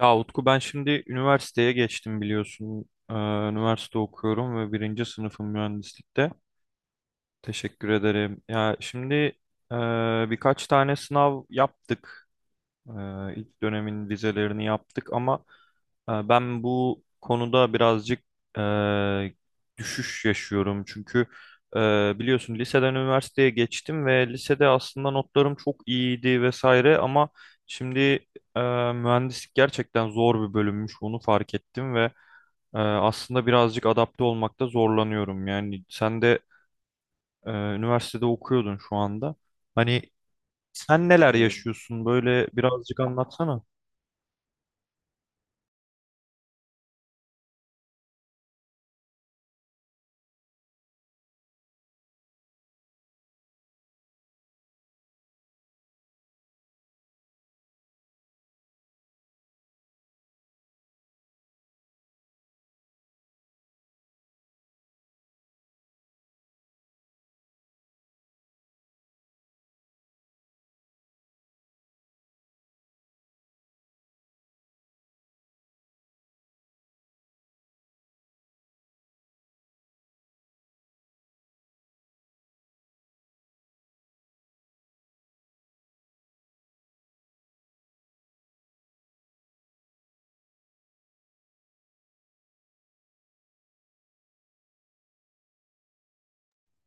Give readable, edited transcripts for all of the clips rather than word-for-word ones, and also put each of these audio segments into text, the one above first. Ya Utku, ben şimdi üniversiteye geçtim biliyorsun. Üniversite okuyorum ve birinci sınıfım mühendislikte. Teşekkür ederim. Ya şimdi e, birkaç tane sınav yaptık. İlk dönemin vizelerini yaptık ama ben bu konuda birazcık e, düşüş yaşıyorum. Çünkü e, biliyorsun liseden üniversiteye geçtim ve lisede aslında notlarım çok iyiydi vesaire ama şimdi e, mühendislik gerçekten zor bir bölümmüş, onu fark ettim ve aslında birazcık adapte olmakta zorlanıyorum. Yani sen de üniversitede okuyordun şu anda. Hani sen neler, evet, yaşıyorsun? Böyle birazcık anlatsana.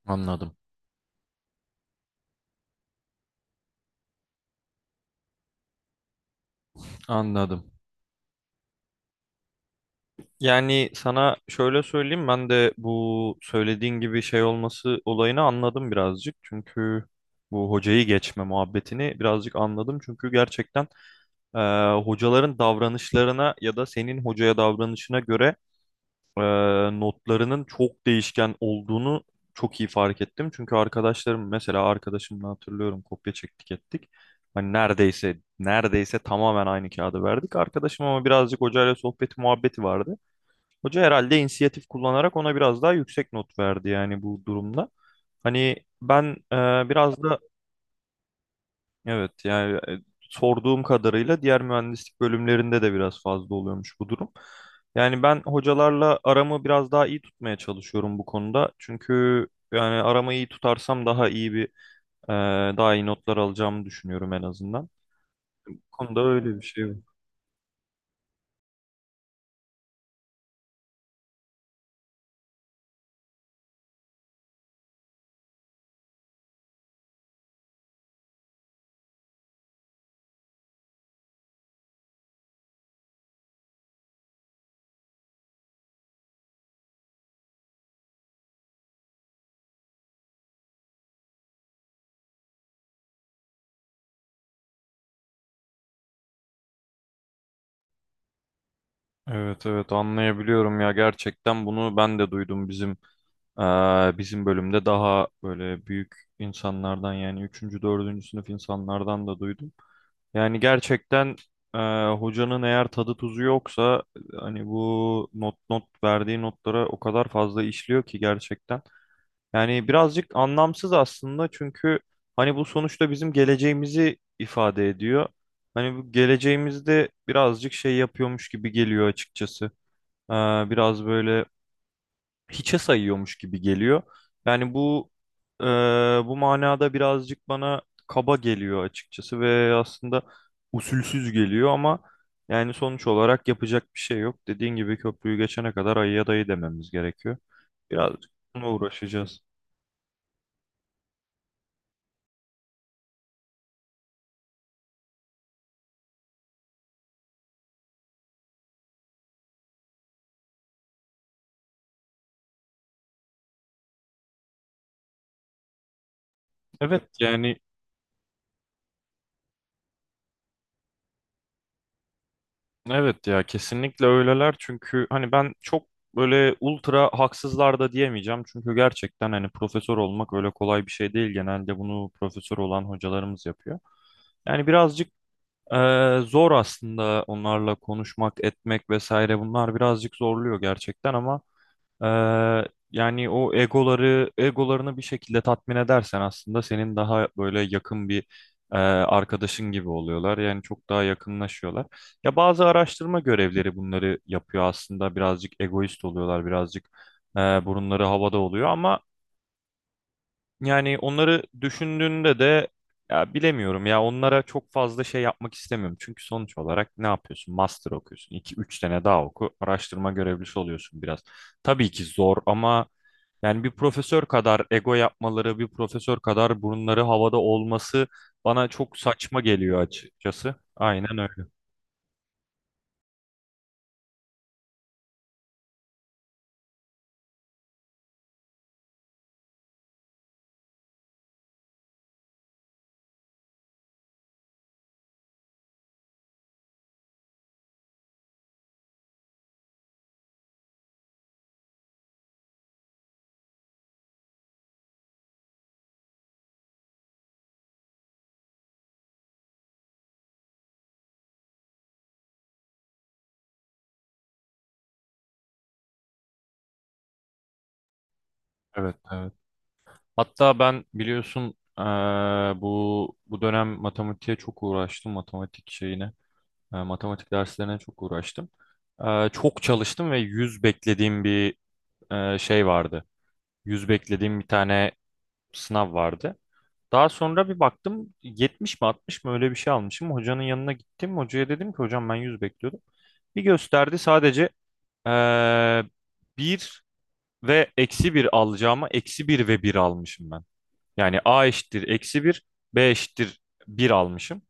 Anladım. Anladım. Yani sana şöyle söyleyeyim, ben de bu söylediğin gibi şey olması olayını anladım birazcık. Çünkü bu hocayı geçme muhabbetini birazcık anladım. Çünkü gerçekten hocaların davranışlarına ya da senin hocaya davranışına göre e, notlarının çok değişken olduğunu çok iyi fark ettim. Çünkü arkadaşlarım mesela, arkadaşımla hatırlıyorum kopya çektik ettik. Hani neredeyse tamamen aynı kağıdı verdik. Arkadaşım ama birazcık hocayla sohbeti muhabbeti vardı. Hoca herhalde inisiyatif kullanarak ona biraz daha yüksek not verdi yani bu durumda. Hani ben biraz da evet, yani sorduğum kadarıyla diğer mühendislik bölümlerinde de biraz fazla oluyormuş bu durum. Yani ben hocalarla aramı biraz daha iyi tutmaya çalışıyorum bu konuda. Çünkü yani aramı iyi tutarsam daha iyi bir e, daha iyi notlar alacağımı düşünüyorum en azından. Bu konuda öyle bir şey var. Evet evet, anlayabiliyorum ya, gerçekten bunu ben de duydum bizim bizim bölümde daha böyle büyük insanlardan, yani üçüncü dördüncü sınıf insanlardan da duydum. Yani gerçekten e, hocanın eğer tadı tuzu yoksa hani bu not verdiği notlara o kadar fazla işliyor ki gerçekten. Yani birazcık anlamsız aslında, çünkü hani bu sonuçta bizim geleceğimizi ifade ediyor. Hani bu geleceğimizde birazcık şey yapıyormuş gibi geliyor açıkçası. E, Biraz böyle hiçe sayıyormuş gibi geliyor. Yani bu e, bu manada birazcık bana kaba geliyor açıkçası ve aslında usulsüz geliyor ama yani sonuç olarak yapacak bir şey yok. Dediğin gibi, köprüyü geçene kadar ayıya dayı dememiz gerekiyor. Birazcık bununla uğraşacağız. Evet yani evet, ya kesinlikle öyleler çünkü hani ben çok böyle ultra haksızlar da diyemeyeceğim, çünkü gerçekten hani profesör olmak öyle kolay bir şey değil, genelde bunu profesör olan hocalarımız yapıyor. Yani birazcık zor aslında onlarla konuşmak etmek vesaire, bunlar birazcık zorluyor gerçekten ama yani o egolarını bir şekilde tatmin edersen aslında senin daha böyle yakın bir arkadaşın gibi oluyorlar. Yani çok daha yakınlaşıyorlar. Ya bazı araştırma görevleri bunları yapıyor aslında. Birazcık egoist oluyorlar, birazcık burunları havada oluyor ama yani onları düşündüğünde de ya bilemiyorum ya, onlara çok fazla şey yapmak istemiyorum. Çünkü sonuç olarak ne yapıyorsun? Master okuyorsun. 2 3 sene daha oku. Araştırma görevlisi oluyorsun biraz. Tabii ki zor ama yani bir profesör kadar ego yapmaları, bir profesör kadar burunları havada olması bana çok saçma geliyor açıkçası. Aynen öyle. Evet, evet. Hatta ben biliyorsun bu bu dönem matematiğe çok uğraştım, matematik şeyine. Matematik derslerine çok uğraştım. Çok çalıştım ve 100 beklediğim bir şey vardı. 100 beklediğim bir tane sınav vardı. Daha sonra bir baktım 70 mi 60 mı, öyle bir şey almışım. Hocanın yanına gittim. Hocaya dedim ki hocam, ben 100 bekliyordum. Bir gösterdi sadece eee 1 ve -1 alacağıma -1 ve 1 almışım ben. Yani A eşittir -1, B eşittir 1 almışım.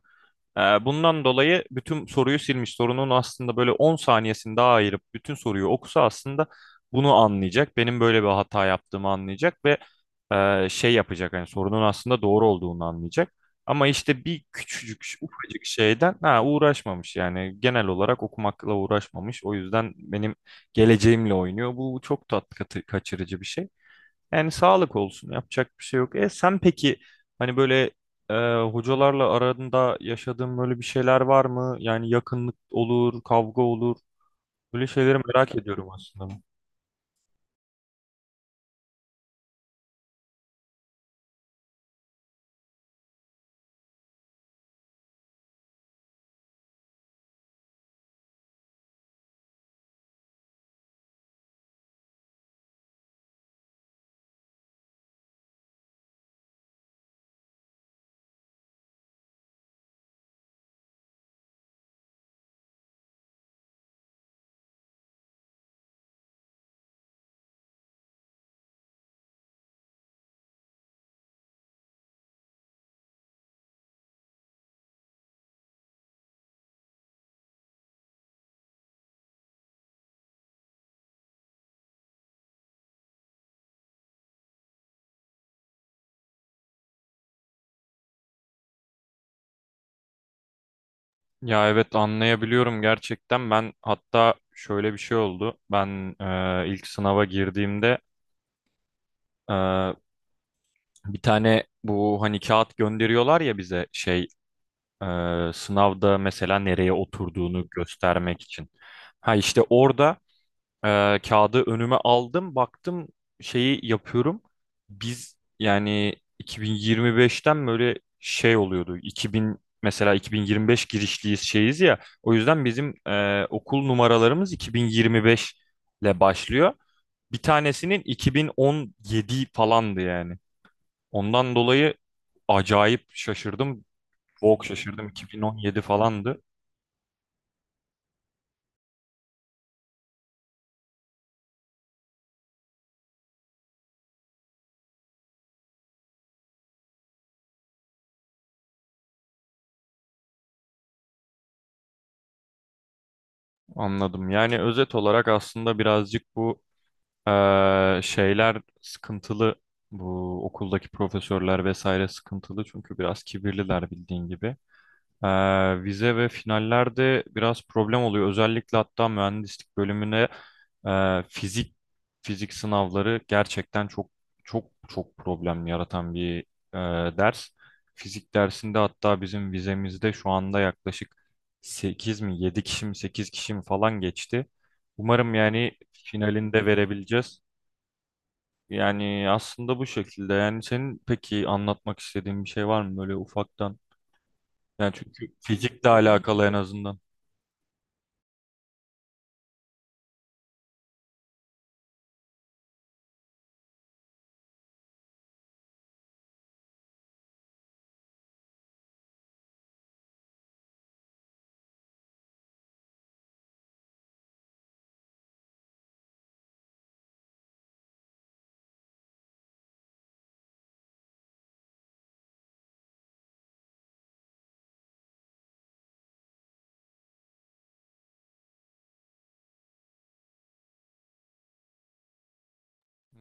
Bundan dolayı bütün soruyu silmiş. Sorunun aslında böyle 10 saniyesini daha ayırıp bütün soruyu okusa aslında bunu anlayacak. Benim böyle bir hata yaptığımı anlayacak ve şey yapacak, hani sorunun aslında doğru olduğunu anlayacak. Ama işte bir küçücük, ufacık şeyden uğraşmamış, yani genel olarak okumakla uğraşmamış. O yüzden benim geleceğimle oynuyor. Bu çok tat kaçırıcı bir şey. Yani sağlık olsun, yapacak bir şey yok. E sen peki, hani böyle e, hocalarla aranda yaşadığın böyle bir şeyler var mı? Yani yakınlık olur, kavga olur. Böyle şeyleri merak ediyorum aslında. Ya evet, anlayabiliyorum gerçekten. Ben hatta şöyle bir şey oldu. Ben ilk sınava girdiğimde e, bir tane bu hani kağıt gönderiyorlar ya bize, şey e, sınavda mesela nereye oturduğunu göstermek için. Ha işte orada kağıdı önüme aldım, baktım şeyi yapıyorum. Biz yani 2025'ten böyle şey oluyordu. 2000, mesela 2025 girişliyiz şeyiz ya. O yüzden bizim okul numaralarımız 2025 ile başlıyor. Bir tanesinin 2017 falandı yani. Ondan dolayı acayip şaşırdım. Çok şaşırdım. 2017 falandı. Anladım. Yani özet olarak aslında birazcık bu şeyler sıkıntılı. Bu okuldaki profesörler vesaire sıkıntılı, çünkü biraz kibirliler bildiğin gibi. Vize ve finallerde biraz problem oluyor. Özellikle hatta mühendislik bölümüne e, fizik fizik sınavları gerçekten çok çok çok problem yaratan bir e, ders. Fizik dersinde hatta bizim vizemizde şu anda yaklaşık 8 mi, 7 kişi mi, 8 kişi mi falan geçti. Umarım yani finalinde verebileceğiz. Yani aslında bu şekilde. Yani senin peki anlatmak istediğin bir şey var mı böyle ufaktan? Yani çünkü fizikle alakalı en azından.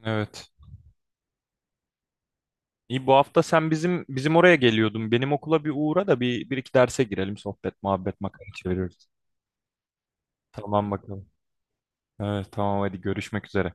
Evet. İyi, bu hafta sen bizim oraya geliyordun. Benim okula bir uğra da bir, bir iki derse girelim. Sohbet, muhabbet, makara çeviririz. Tamam bakalım. Evet tamam, hadi görüşmek üzere.